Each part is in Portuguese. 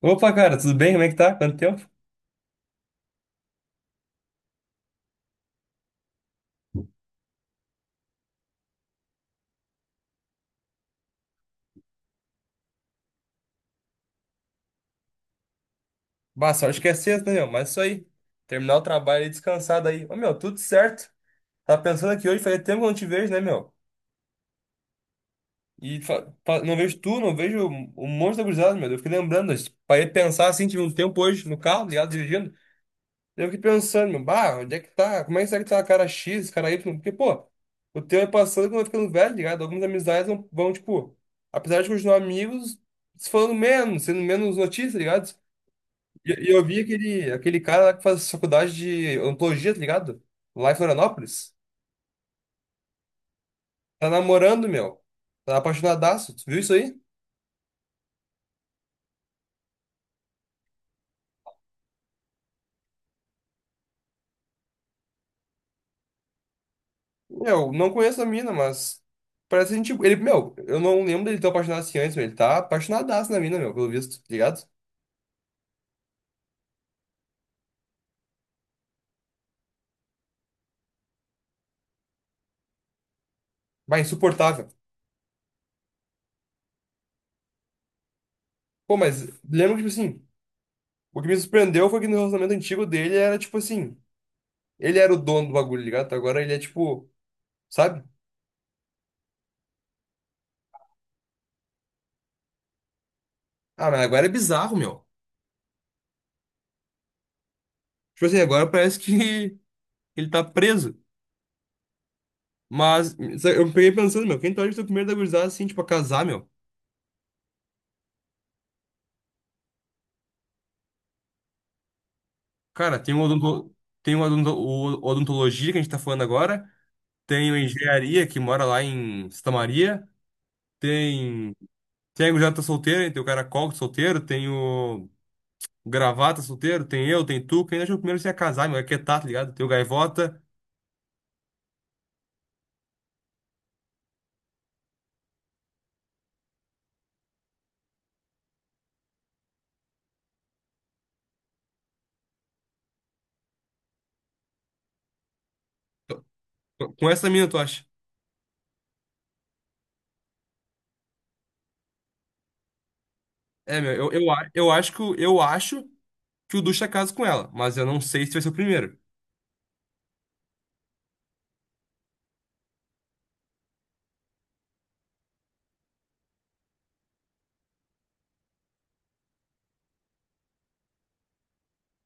Opa, cara, tudo bem? Como é que tá? Quanto tempo? Bah, sorte que é sexta, né, meu? Mas isso aí. Terminar o trabalho e descansado aí. Ô, meu, tudo certo. Tava pensando aqui hoje, fazia tempo que eu não te vejo, né, meu? E não vejo tu, não vejo um monte de gurizada, meu. Eu fiquei lembrando, eu parei de pensar assim, tive um tempo hoje no carro, ligado, dirigindo. Eu fiquei pensando, meu, bah, onde é que tá? Como é que será que tá cara X, cara Y? Porque, pô, o tempo é passando quando eu ficando velho, ligado? Algumas amizades vão, tipo, apesar de continuar amigos, se falando menos, sendo menos notícia, ligado? E eu vi aquele cara lá que faz faculdade de odontologia, tá ligado? Lá em Florianópolis. Tá namorando, meu. Tá apaixonadaço. Tu viu isso aí? Meu, não conheço a mina, mas parece gente. Ele, meu, eu não lembro dele ter apaixonado assim antes, meu. Ele tá apaixonadaço na mina, meu, pelo visto, tá ligado? Vai, insuportável. Pô, mas lembro que, tipo assim, o que me surpreendeu foi que no relacionamento antigo dele era, tipo assim, ele era o dono do bagulho, tá ligado? Agora ele é, tipo, sabe? Ah, mas agora é bizarro, meu. Tipo assim, agora parece que ele tá preso. Mas eu peguei pensando, meu, quem torce pro primeiro da gurizada, assim, tipo, a casar, meu? Cara, o odontologia que a gente tá falando agora, tem o engenharia que mora lá em Santa Maria, tem, tem a gurizada que tá solteira, né, tem o caracol que é solteiro, tem o gravata solteiro, tem eu, tem tu, quem acha que o primeiro se ia casar, meu, é que tá, tá ligado? Tem o gaivota. Com essa mina, tu acha? É, meu, eu acho que o Ducha casa com ela, mas eu não sei se vai ser o primeiro.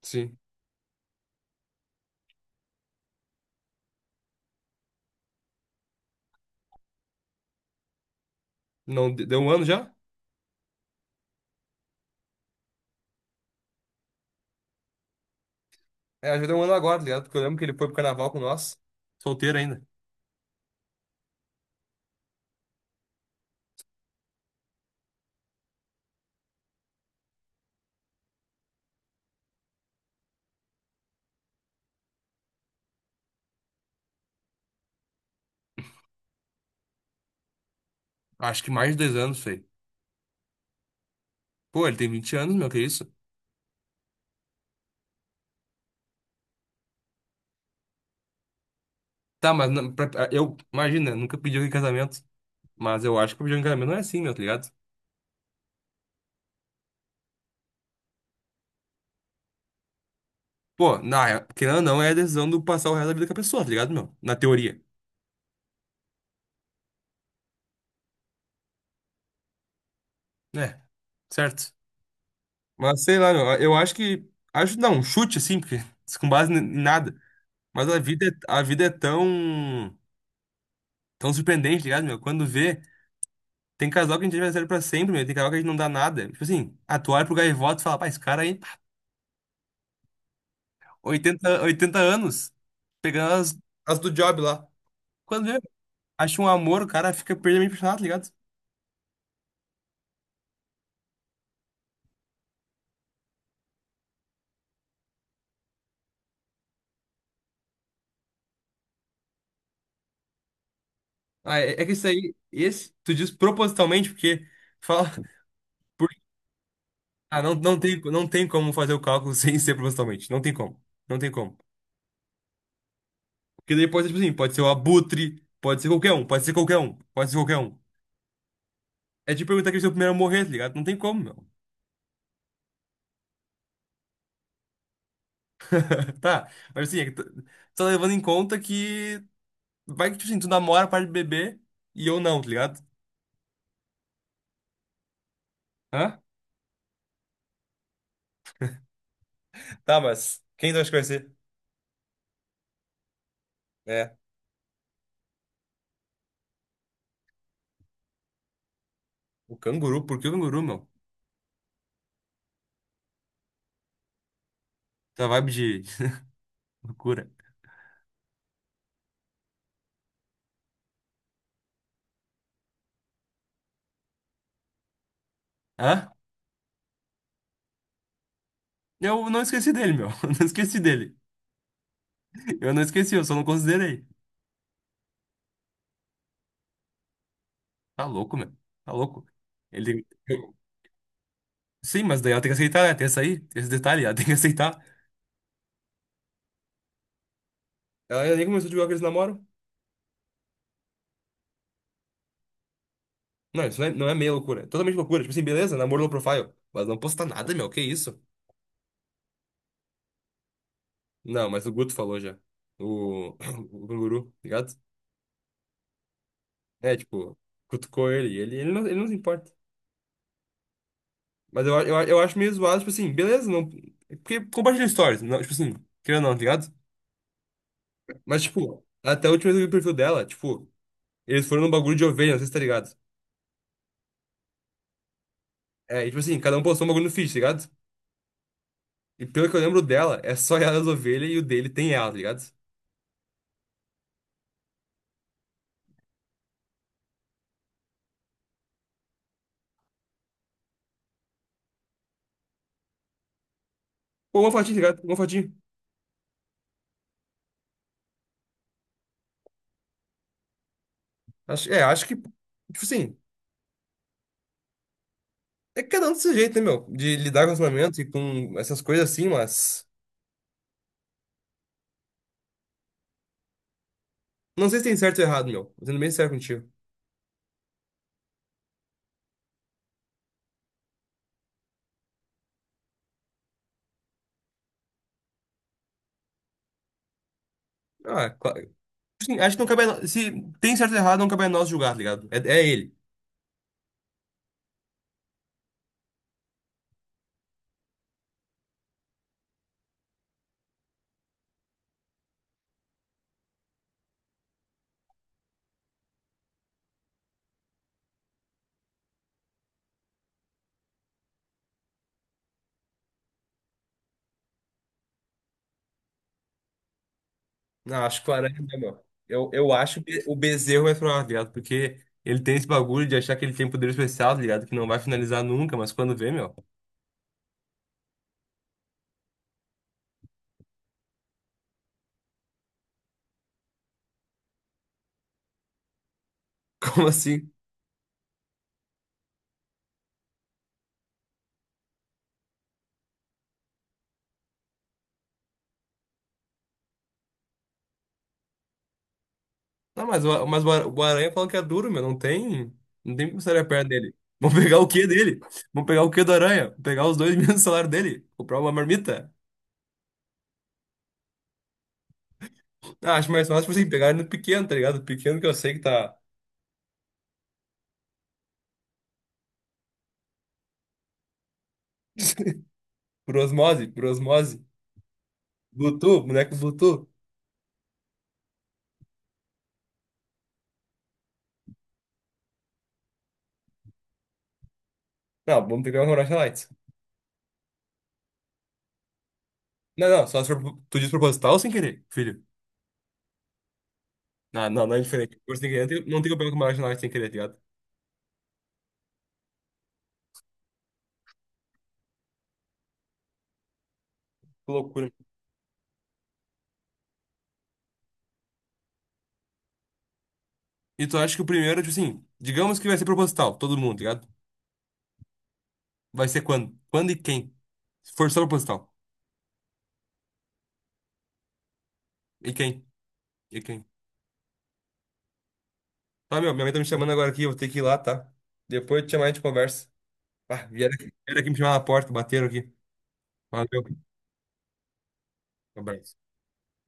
Sim. Não, deu 1 ano já? É, já deu 1 ano agora, tá ligado? Porque eu lembro que ele foi pro carnaval com nós. Solteiro ainda. Acho que mais de 2 anos, feio. Pô, ele tem 20 anos, meu, que isso? Tá, mas eu, imagina, nunca pediu em casamento. Mas eu acho que pedir em casamento não é assim, meu, tá ligado? Pô, querendo ou não, é a decisão do passar o resto da vida com a pessoa, tá ligado, meu? Na teoria. É, certo. Mas sei lá, meu, eu acho que. Acho, não, um chute assim, porque com base em nada. Mas a vida, a vida é tão. Tão surpreendente, tá ligado, meu? Quando vê. Tem casal que a gente é adversário pra sempre, meu. Tem casal que a gente não dá nada. Tipo assim, ah, tu olha pro Gaivota e fala, pá, esse cara aí, pá, oitenta anos, pegando as do job lá. Quando vê, acha um amor, o cara fica perdidamente apaixonado, tá ligado? Ah, é, é que isso aí, esse, tu diz propositalmente, porque fala, porque, ah, não, não tem como fazer o cálculo sem ser propositalmente. Não tem como. Não tem como. Porque daí pode ser, tipo assim, pode ser o Abutre, pode ser qualquer um, pode ser qualquer um, pode ser qualquer um. É de perguntar quem é o primeiro a morrer, tá ligado? Não tem como, meu. Tá, mas assim, é que tô levando em conta que vai que, tipo assim, tu namora, para de beber e eu não, tá ligado? Hã? Tá, mas quem tu acha que vai ser? É, o canguru. Por que o canguru, meu? Tá vibe de loucura. Hã? Eu não esqueci dele, meu. Eu não esqueci dele. Eu não esqueci, eu só não considerei. Tá louco, meu. Tá louco. Ele... eu- Sim, mas daí ela tem que aceitar, né? Tem essa aí, tem esse detalhe, ela tem que aceitar. Ela ainda nem começou a divulgar que eles namoram. Não, isso não é meia loucura. É totalmente loucura. Tipo assim, beleza, namoro low profile. Mas não postar nada, meu. Que isso? Não, mas o Guto falou já. O, o canguru, tá ligado? É, tipo, cutucou ele. Não, ele não se importa. Mas eu acho meio zoado, tipo assim, beleza, não. é Porque compartilha stories, não, tipo assim, querendo ou não, tá ligado? Mas, tipo, até a última vez que eu vi o perfil dela, tipo, eles foram num bagulho de ovelha, não sei se tá ligado. É, e tipo assim, cada um postou um bagulho no feed, tá ligado? E pelo que eu lembro dela, é só ela as ovelhas e o dele tem ela, tá ligado? Pô, uma fotinha, tá ligado? Uma fotinha. Acho, é, acho que. Tipo assim. É que cada um do seu jeito, né, meu? De lidar com relacionamento e com essas coisas assim, mas. Não sei se tem certo ou errado, meu. Tô sendo bem sério contigo. Ah, claro. Assim, acho que não cabe a nós. Se tem certo ou errado, não cabe a nós julgar, tá ligado? É, é ele. Não, acho que o Aranha, né, meu? Eu acho que o Bezerro vai falar, tá ligado? Porque ele tem esse bagulho de achar que ele tem poder especial, tá ligado? Que não vai finalizar nunca, mas quando vê, meu. Como assim? Não, mas, o Aranha fala que é duro, meu. Não tem. Não tem como sair a perna dele. Vamos pegar o quê dele? Vamos pegar o quê do Aranha? Vamos pegar os dois mil do salário dele? Comprar uma marmita? Ah, acho mais fácil, tipo assim, pegar ele no pequeno, tá ligado? Pequeno que eu sei que tá por osmose, por osmose. Bluetooth, boneco Bluetooth. Não, vamos pegar um Rocha Lights. Não, não, só se for tu diz proposital ou sem querer, filho. Não, não, não é diferente. Por sem querer, não tem como pegar com uma Rocha Lights sem querer, tá ligado? Que loucura. E tu acha que o primeiro, tipo assim, digamos que vai ser proposital, todo mundo, tá ligado? Vai ser quando? Quando e quem? Se for só proposital. E quem? E quem? Tá, meu, minha mãe tá me chamando agora aqui, eu vou ter que ir lá, tá? Depois eu te chamar e a gente conversa. Ah, vieram aqui me chamar na porta, bateram aqui. Valeu, um abraço.